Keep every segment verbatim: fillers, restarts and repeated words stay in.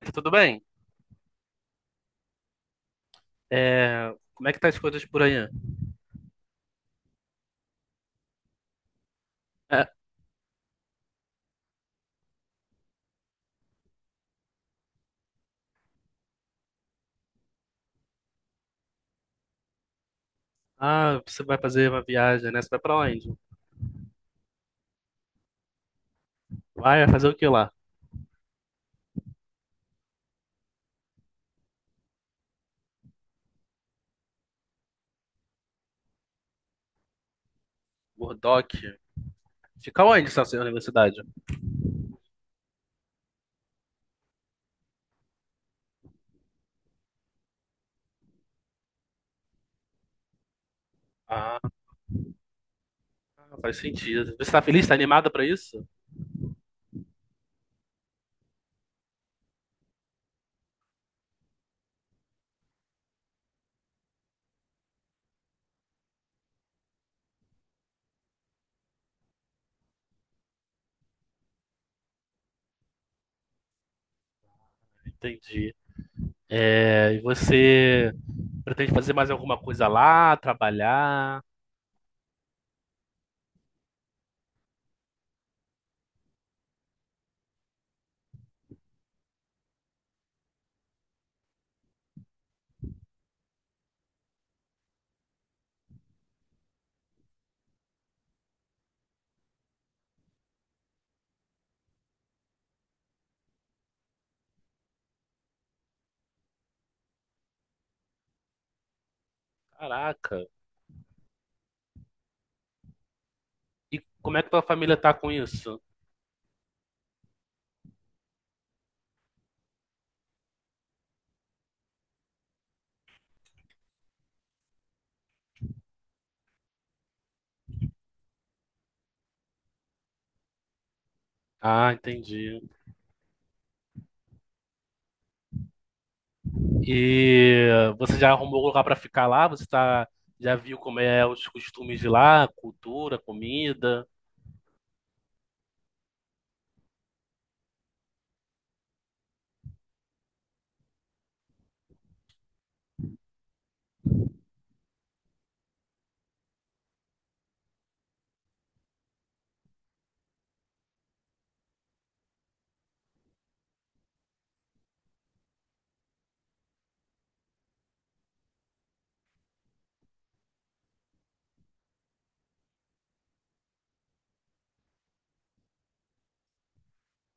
Tá tudo bem? É, como é que tá as coisas por aí? É, ah, você vai fazer uma viagem, né? Você vai pra onde? Vai fazer o que lá? Murdoch. Fica onde essa sua universidade? Ah, faz sentido. Você tá feliz? Tá animada pra isso? Entendi. É, e você pretende fazer mais alguma coisa lá? Trabalhar? Caraca. E como é que tua família tá com isso? Ah, entendi. E você já arrumou lugar para ficar lá? Você tá, já viu como é os costumes de lá, cultura, comida?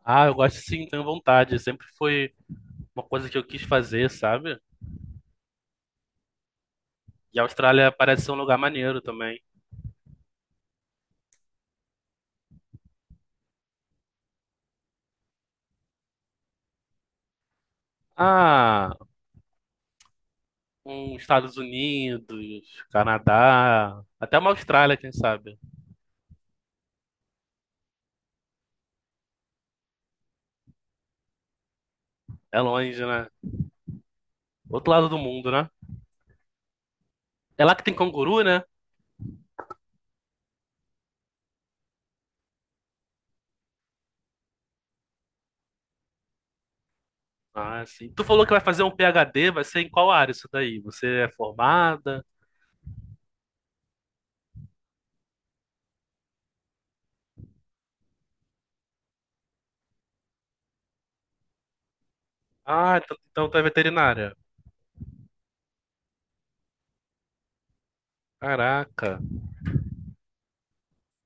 Ah, eu gosto sim, tenho vontade. Sempre foi uma coisa que eu quis fazer, sabe? E a Austrália parece ser um lugar maneiro também. Ah, um Estados Unidos, Canadá, até uma Austrália, quem sabe? É longe, né? Outro lado do mundo, né? É lá que tem canguru, né? Ah, sim. Tu falou que vai fazer um P H D, vai ser em qual área isso daí? Você é formada? Ah, então então tu é veterinária. Caraca,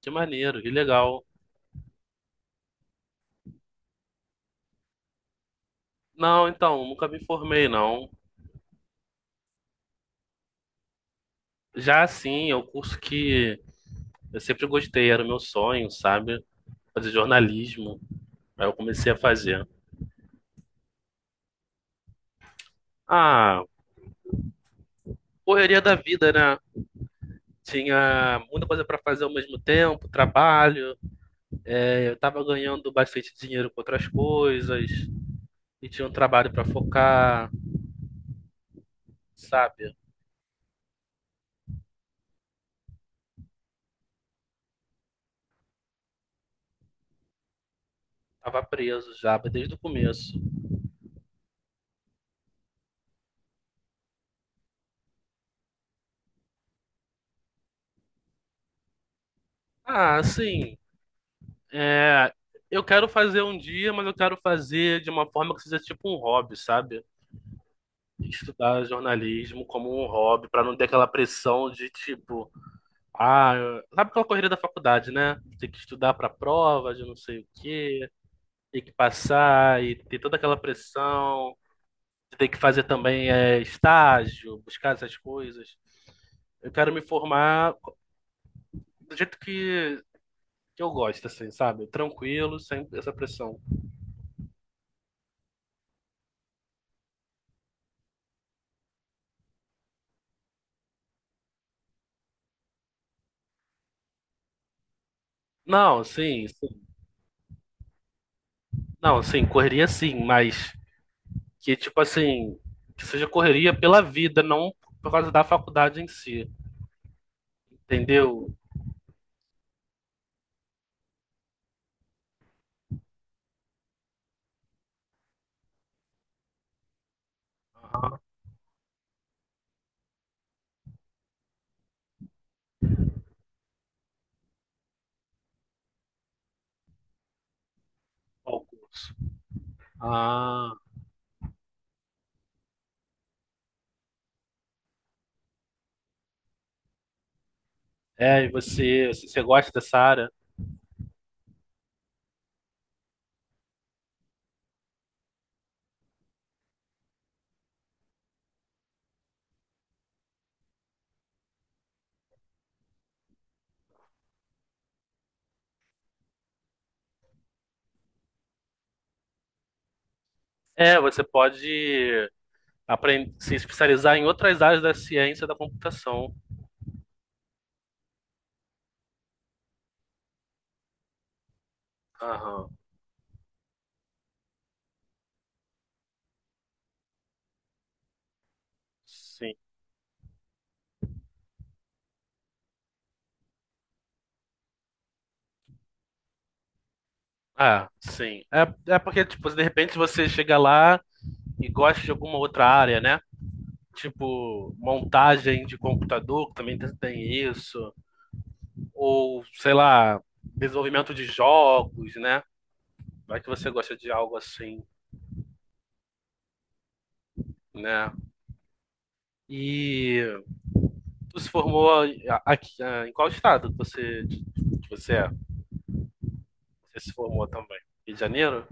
que maneiro, que legal. Não, então, nunca me formei, não. Já assim, é um curso que eu sempre gostei, era o meu sonho, sabe? Fazer jornalismo. Aí eu comecei a fazer. Ah, correria da vida, né? Tinha muita coisa pra fazer ao mesmo tempo, trabalho. É, eu tava ganhando bastante dinheiro com outras coisas. E tinha um trabalho pra focar, sabe? Tava preso já, desde o começo. Ah, sim. É, eu quero fazer um dia, mas eu quero fazer de uma forma que seja tipo um hobby, sabe? Estudar jornalismo como um hobby, pra não ter aquela pressão de tipo, ah, eu- sabe aquela corrida da faculdade, né? Tem que estudar pra prova de não sei o quê, tem que passar e ter toda aquela pressão, tem que fazer também é, estágio, buscar essas coisas. Eu quero me formar do jeito que, que eu gosto, assim, sabe? Tranquilo, sem essa pressão. Não, sim. Não, assim correria sim, mas que tipo assim, que seja correria pela vida, não por causa da faculdade em si, entendeu? Ah, qual curso? Ah, é, e você, se você gosta dessa área? É, você pode aprender, se especializar em outras áreas da ciência da computação. Aham, sim. Ah, sim. É, é porque, tipo, de repente você chega lá e gosta de alguma outra área, né? Tipo, montagem de computador, que também tem tem isso. Ou sei lá, desenvolvimento de jogos, né? Vai que você gosta de algo assim, né? E tu se formou aqui, em qual estado que você, que você é? Você se formou também? Rio de Janeiro?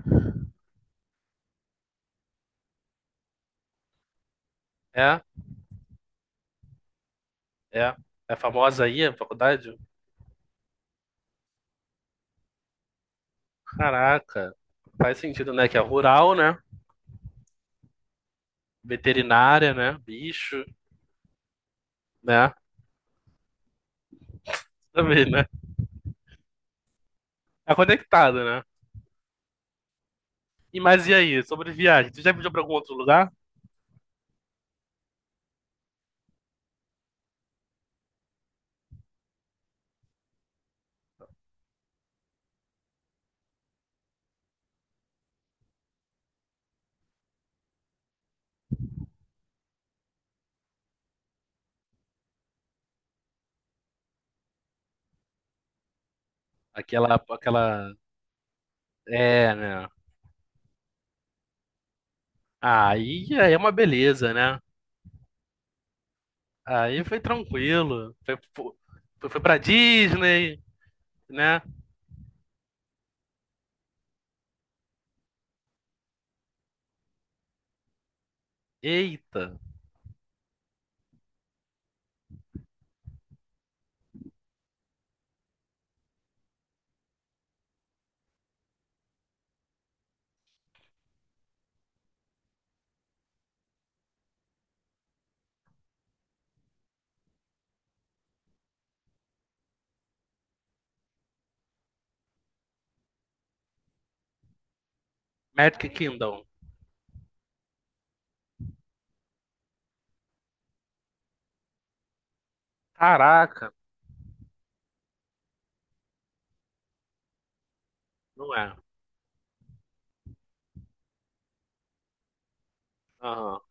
É? É? É famosa aí a faculdade? Caraca, faz sentido, né? Que é rural, né? Veterinária, né? Bicho, né? Também, né? É conectado, né? E mas e aí, sobre viagem? Tu já viajou pra algum outro lugar? Aquela, aquela, é, né? Aí é uma beleza, né? Aí foi tranquilo. Foi, foi, foi pra Disney, né? Eita. Magic Kingdom. Caraca, não é? Aham,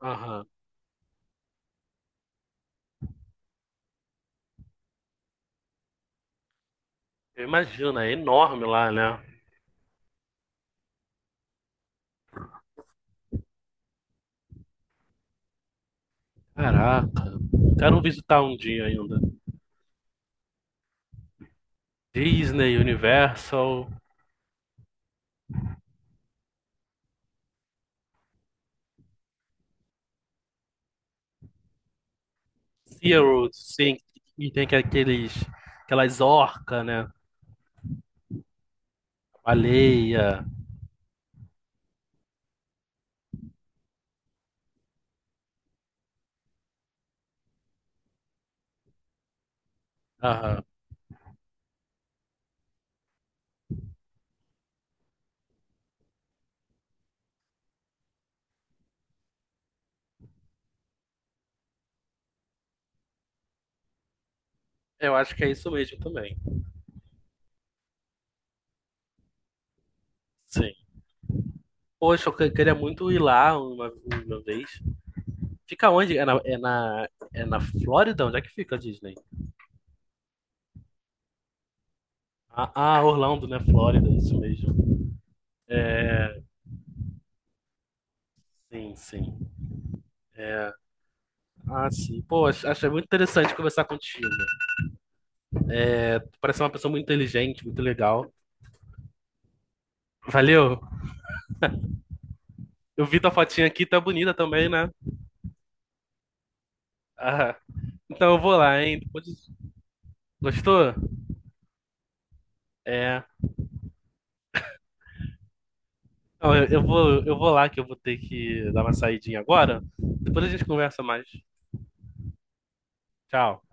aham. Eu imagino, é enorme lá, né? Caraca. Quero visitar um dia ainda. Disney, Universal, SeaWorld, sim. E tem que aqueles, aquelas orcas, né? Baleia. Aham. Eu acho que é isso mesmo também. Sim. Poxa, eu que- queria muito ir lá uma, uma vez. Fica onde? É na, é na, é na Flórida? Onde é que fica a Disney? Ah, ah, Orlando, né? Flórida, isso mesmo. Sim, sim. Ah, sim. Pô, ach- achei muito interessante conversar contigo. Tu parece uma pessoa muito inteligente, muito legal. Valeu. Eu vi tua fotinha aqui, tá bonita também, né? Ah, então eu vou lá, hein? Depois... Gostou? É. Não, eu, eu vou, eu vou lá que eu vou ter que dar uma saidinha agora. Depois a gente conversa mais. Tchau.